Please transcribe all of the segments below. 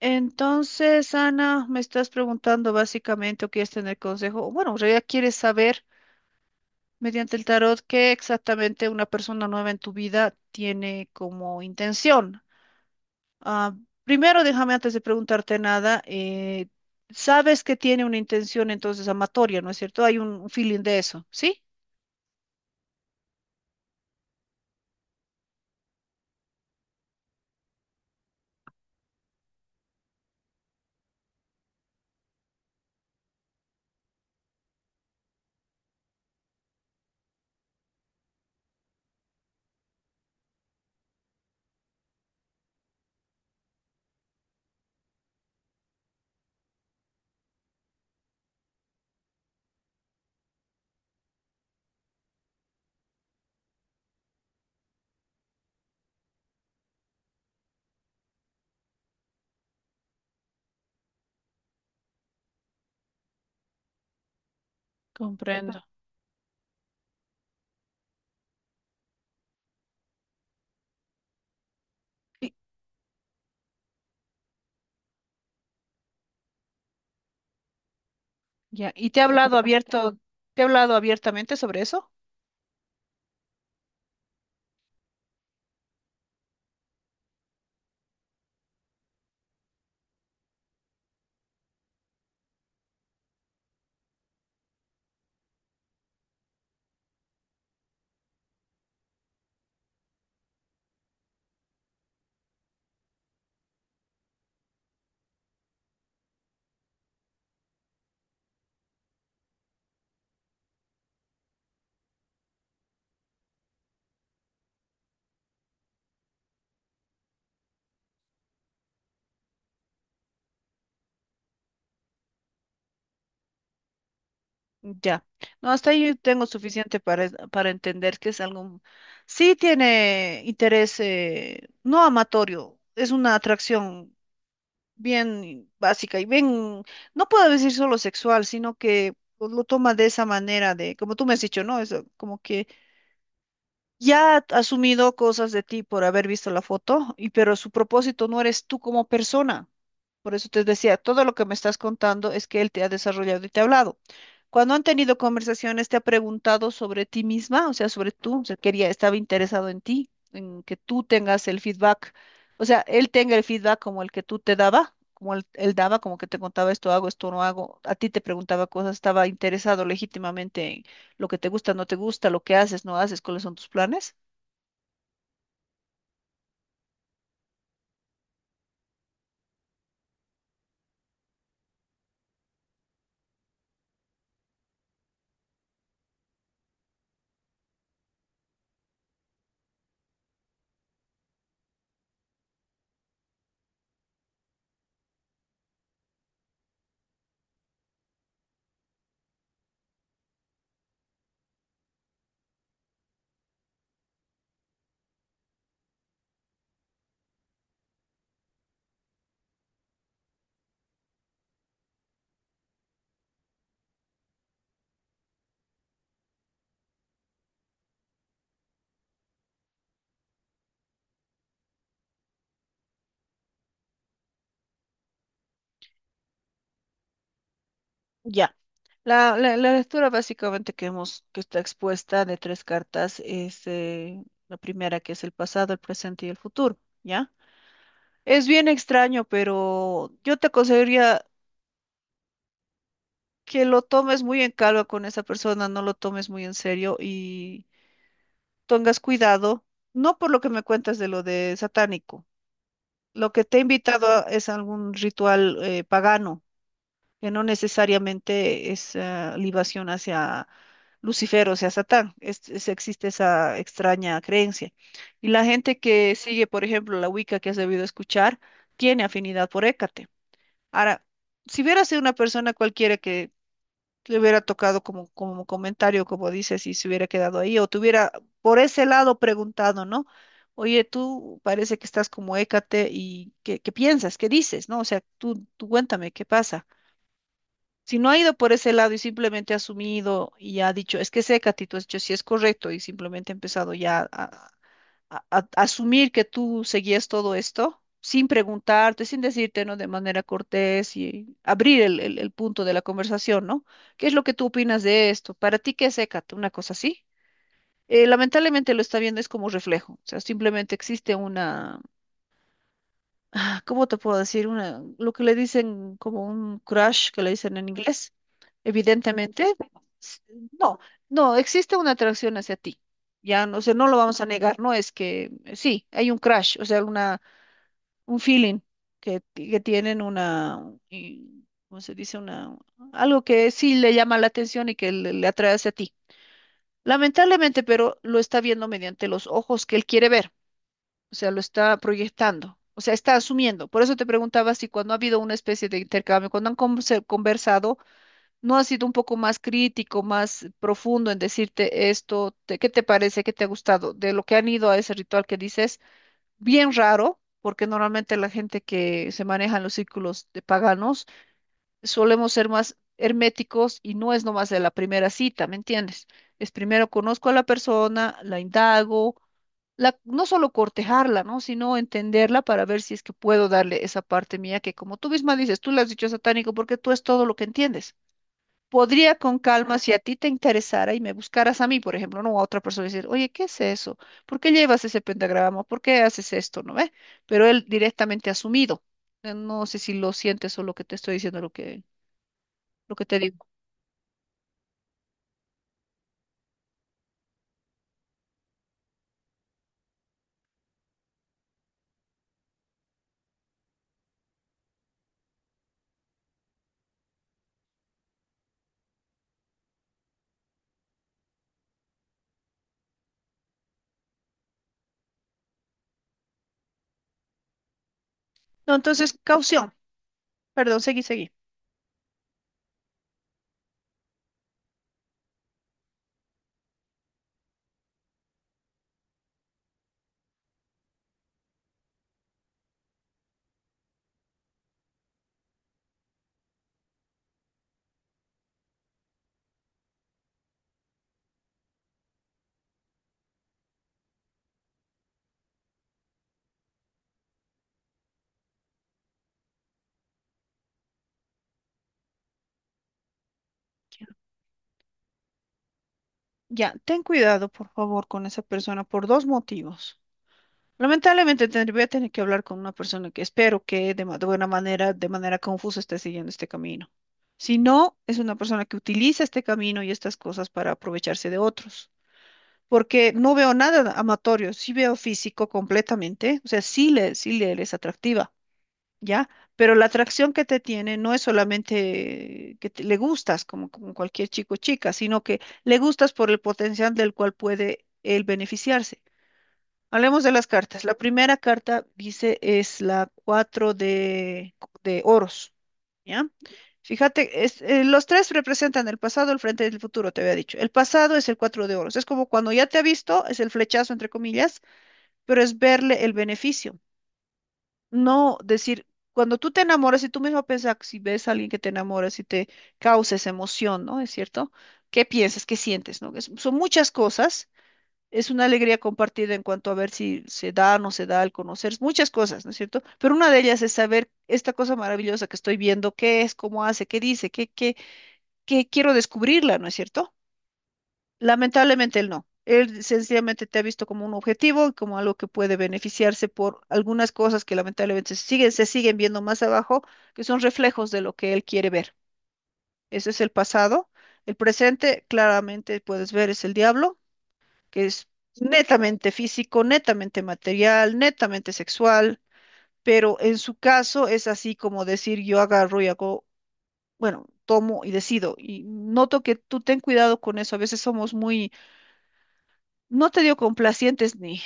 Entonces, Ana, me estás preguntando básicamente o quieres tener consejo. O Bueno, en realidad quieres saber mediante el tarot qué exactamente una persona nueva en tu vida tiene como intención. Ah, primero, déjame antes de preguntarte nada, sabes que tiene una intención entonces amatoria, ¿no es cierto? Hay un feeling de eso, ¿sí? Comprendo. Ya, ¿y te ha hablado abiertamente sobre eso? Ya. No, hasta ahí yo tengo suficiente para entender que es algo, sí tiene interés, no amatorio, es una atracción bien básica y bien, no puedo decir solo sexual, sino que pues, lo toma de esa manera de, como tú me has dicho, ¿no? Es como que ya ha asumido cosas de ti por haber visto la foto, y pero su propósito no eres tú como persona. Por eso te decía, todo lo que me estás contando es que él te ha desarrollado y te ha hablado. Cuando han tenido conversaciones, te ha preguntado sobre ti misma, o sea, sobre tú, o sea, quería, estaba interesado en ti, en que tú tengas el feedback, o sea, él tenga el feedback como el que tú te daba, como él daba, como que te contaba esto hago, esto no hago, a ti te preguntaba cosas, estaba interesado legítimamente en lo que te gusta, no te gusta, lo que haces, no haces, cuáles son tus planes. Ya. La lectura básicamente que está expuesta de tres cartas es la primera que es el pasado, el presente y el futuro, ¿ya? Es bien extraño, pero yo te aconsejaría que lo tomes muy en calma con esa persona, no lo tomes muy en serio y tengas cuidado, no por lo que me cuentas de lo de satánico, lo que te he invitado es algún ritual pagano, que no necesariamente es libación hacia Lucifer o sea Satán. Existe esa extraña creencia. Y la gente que sigue, por ejemplo, la Wicca que has debido escuchar, tiene afinidad por Hécate. Ahora, si hubiera sido una persona cualquiera que te hubiera tocado como, como comentario, como dices, y se hubiera quedado ahí, o te hubiera por ese lado preguntado, ¿no? Oye, tú parece que estás como Hécate y ¿qué, qué piensas? ¿Qué dices? ¿No? O sea, tú cuéntame, ¿qué pasa? Si no ha ido por ese lado y simplemente ha asumido y ha dicho, es que seca, tú has dicho, sí es correcto, y simplemente ha empezado ya a, a asumir que tú seguías todo esto, sin preguntarte, sin decirte, ¿no? De manera cortés y abrir el punto de la conversación, ¿no? ¿Qué es lo que tú opinas de esto? ¿Para ti qué es Hécate? Una cosa así. Lamentablemente lo está viendo es como reflejo, o sea, simplemente existe una, ah, ¿cómo te puedo decir? Una, lo que le dicen como un crush, que le dicen en inglés. Evidentemente, s- no, no, existe una atracción hacia ti. Ya, no, o sea, no lo vamos a negar, no es que sí, hay un crush, o sea, una, un feeling que tienen una, ¿cómo se dice? Una, algo que sí le llama la atención y que le atrae hacia ti. Lamentablemente, pero lo está viendo mediante los ojos que él quiere ver, o sea, lo está proyectando, o sea, está asumiendo. Por eso te preguntaba si cuando ha habido una especie de intercambio, cuando han conversado, no ha sido un poco más crítico, más profundo en decirte esto, qué te parece, qué te ha gustado, de lo que han ido a ese ritual que dices, bien raro. Porque normalmente la gente que se maneja en los círculos de paganos solemos ser más herméticos y no es nomás de la primera cita, ¿me entiendes? Es primero conozco a la persona, la indago, la, no solo cortejarla, ¿no? Sino entenderla para ver si es que puedo darle esa parte mía que como tú misma dices, tú le has dicho satánico porque tú es todo lo que entiendes. Podría con calma, si a ti te interesara y me buscaras a mí, por ejemplo, no a otra persona, decir, oye, ¿qué es eso? ¿Por qué llevas ese pentagrama? ¿Por qué haces esto? ¿No ve? Pero él directamente ha asumido. No sé si lo sientes o lo que te estoy diciendo, lo que te digo. No, entonces, caución. Perdón, seguí, seguí. Ya, ten cuidado, por favor, con esa persona por dos motivos. Lamentablemente voy a tener que hablar con una persona que espero que de buena manera, de manera confusa, esté siguiendo este camino. Si no, es una persona que utiliza este camino y estas cosas para aprovecharse de otros. Porque no veo nada amatorio, sí veo físico completamente, o sea, sí le es atractiva, ¿ya? Pero la atracción que te tiene no es solamente que le gustas como, como cualquier chico o chica, sino que le gustas por el potencial del cual puede él beneficiarse. Hablemos de las cartas. La primera carta, dice, es la 4 de oros, ¿ya? Fíjate, es, los tres representan el pasado, el frente y el futuro, te había dicho. El pasado es el 4 de oros. Es como cuando ya te ha visto, es el flechazo, entre comillas, pero es verle el beneficio. No decir, cuando tú te enamoras y tú mismo piensas, si ves a alguien que te enamoras y te causa esa emoción, ¿no? ¿Es cierto? ¿Qué piensas? ¿Qué sientes? ¿No? Es son muchas cosas, es una alegría compartida en cuanto a ver si se da o no se da al conocer muchas cosas, ¿no es cierto? Pero una de ellas es saber esta cosa maravillosa que estoy viendo, qué es, cómo hace, qué dice, qué, qué, qué quiero descubrirla, ¿no es cierto? Lamentablemente él no. Él sencillamente te ha visto como un objetivo, como algo que puede beneficiarse por algunas cosas que lamentablemente se siguen viendo más abajo, que son reflejos de lo que él quiere ver. Ese es el pasado. El presente, claramente puedes ver, es el diablo, que es netamente físico, netamente material, netamente sexual, pero en su caso es así como decir yo agarro y hago, bueno, tomo y decido. Y noto que tú ten cuidado con eso, a veces somos muy, no te digo complacientes ni,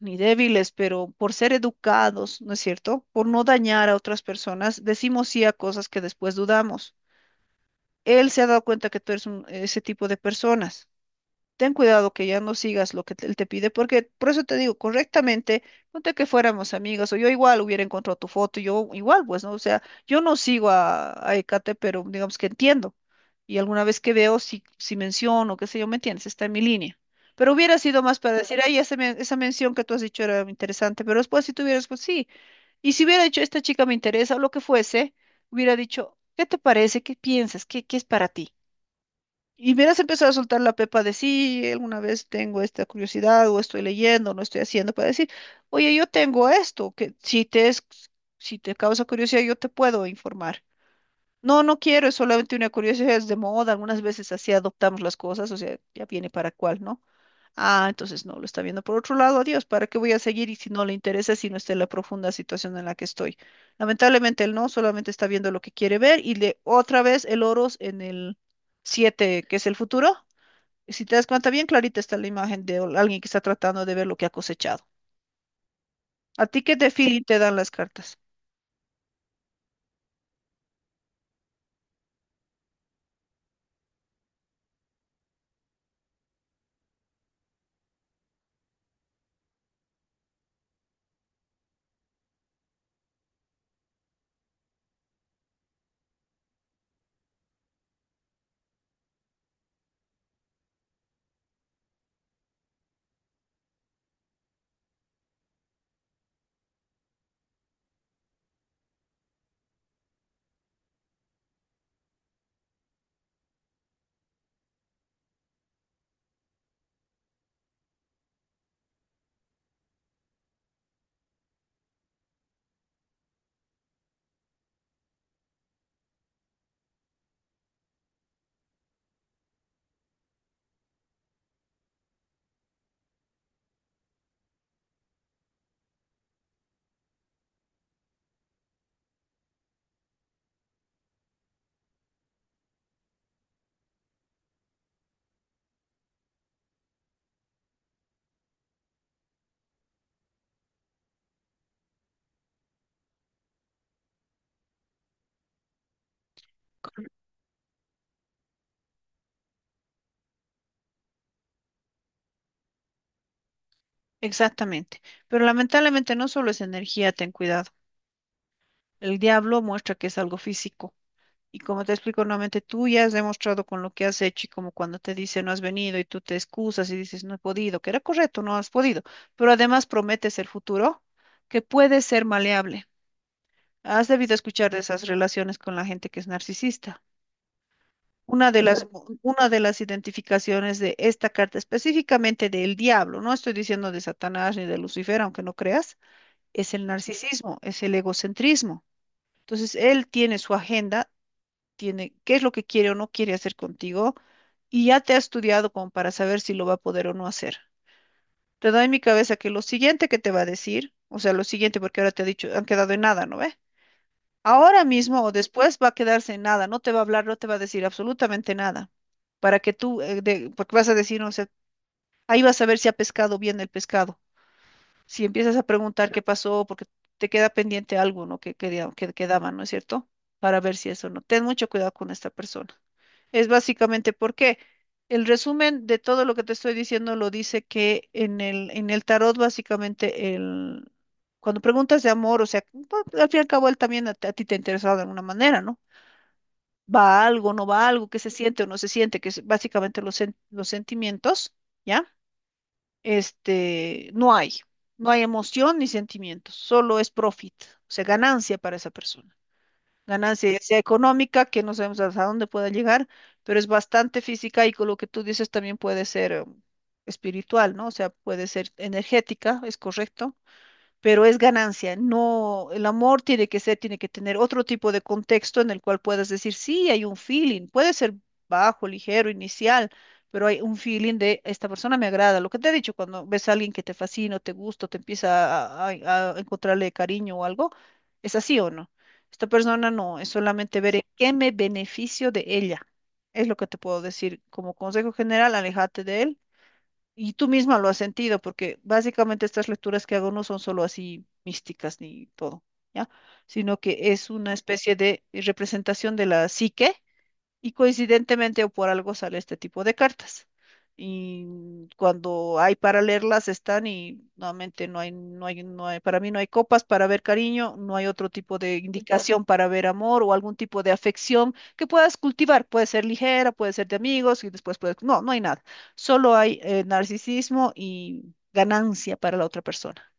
ni débiles, pero por ser educados, ¿no es cierto? Por no dañar a otras personas, decimos sí a cosas que después dudamos. Él se ha dado cuenta que tú eres ese tipo de personas. Ten cuidado que ya no sigas lo que él te pide, porque por eso te digo, correctamente, ponte que fuéramos amigas, o yo igual hubiera encontrado tu foto, yo igual, pues, ¿no? O sea, yo no sigo a Ecate, pero digamos que entiendo. Y alguna vez que veo, si menciono, qué sé yo, ¿me entiendes? Está en mi línea. Pero hubiera sido más para decir, ay, esa mención que tú has dicho era interesante, pero después si tuvieras, pues sí. Y si hubiera dicho, esta chica me interesa, o lo que fuese, hubiera dicho, ¿qué te parece? ¿Qué piensas? ¿Qué, qué es para ti? Y verás empezar a soltar la pepa de sí, alguna vez tengo esta curiosidad, o estoy leyendo, o no estoy haciendo, para decir, oye, yo tengo esto, que si te es, si te causa curiosidad, yo te puedo informar. No, no quiero, es solamente una curiosidad, es de moda, algunas veces así adoptamos las cosas, o sea, ya viene para cuál, ¿no? Ah, entonces no, lo está viendo por otro lado, adiós, ¿para qué voy a seguir? Y si no le interesa, si no está en la profunda situación en la que estoy. Lamentablemente él no, solamente está viendo lo que quiere ver y le otra vez el oros en el 7 que es el futuro. Si te das cuenta, bien clarita está la imagen de alguien que está tratando de ver lo que ha cosechado. ¿A ti qué te feeling te dan las cartas? Corre- Exactamente. Pero lamentablemente no solo es energía, ten cuidado. El diablo muestra que es algo físico. Y como te explico nuevamente, tú ya has demostrado con lo que has hecho y como cuando te dice no has venido y tú te excusas y dices no he podido, que era correcto, no has podido. Pero además prometes el futuro que puede ser maleable. Has debido escuchar de esas relaciones con la gente que es narcisista. Una de las, una de las identificaciones de esta carta, específicamente del diablo, no estoy diciendo de Satanás ni de Lucifer, aunque no creas, es el narcisismo, es el egocentrismo. Entonces, él tiene su agenda, tiene qué es lo que quiere o no quiere hacer contigo, y ya te ha estudiado como para saber si lo va a poder o no hacer. Te doy en mi cabeza que lo siguiente que te va a decir, o sea, lo siguiente, porque ahora te ha dicho, han quedado en nada, ¿no ve? Ahora mismo o después va a quedarse en nada, no te va a hablar, no te va a decir absolutamente nada, para que tú, porque vas a decir, no sé, ahí vas a ver si ha pescado bien el pescado. Si empiezas a preguntar qué pasó, porque te queda pendiente algo, ¿no? Que quedaba, ¿no es cierto? Para ver si eso no. Ten mucho cuidado con esta persona. Es básicamente porque el resumen de todo lo que te estoy diciendo lo dice que en el tarot, básicamente, cuando preguntas de amor, o sea, al fin y al cabo él también a ti te ha interesado de alguna manera, ¿no? Va algo, no va algo, qué se siente o no se siente, que es básicamente los sentimientos, ¿ya? Este, no hay, no hay emoción ni sentimientos, solo es profit, o sea, ganancia para esa persona, ganancia ya sea económica, que no sabemos hasta dónde pueda llegar, pero es bastante física y con lo que tú dices también puede ser espiritual, ¿no? O sea, puede ser energética, es correcto, pero es ganancia. No, el amor tiene que ser, tiene que tener otro tipo de contexto en el cual puedas decir, sí, hay un feeling, puede ser bajo, ligero, inicial, pero hay un feeling de esta persona me agrada. Lo que te he dicho, cuando ves a alguien que te fascina, o te gusta, o te empieza a encontrarle cariño o algo, ¿es así o no? Esta persona no, es solamente ver en qué me beneficio de ella. Es lo que te puedo decir. Como consejo general, aléjate de él y tú misma lo has sentido, porque básicamente estas lecturas que hago no son solo así místicas ni todo, ¿ya? Sino que es una especie de representación de la psique y coincidentemente o por algo sale este tipo de cartas. Y cuando hay para leerlas están y nuevamente no hay, para mí no hay copas para ver cariño, no hay otro tipo de Ujú, indicación para ver amor o algún tipo de afección que puedas cultivar. Puede ser ligera, puede ser de amigos y después puedes, no, no hay nada. Solo hay narcisismo y ganancia para la otra persona.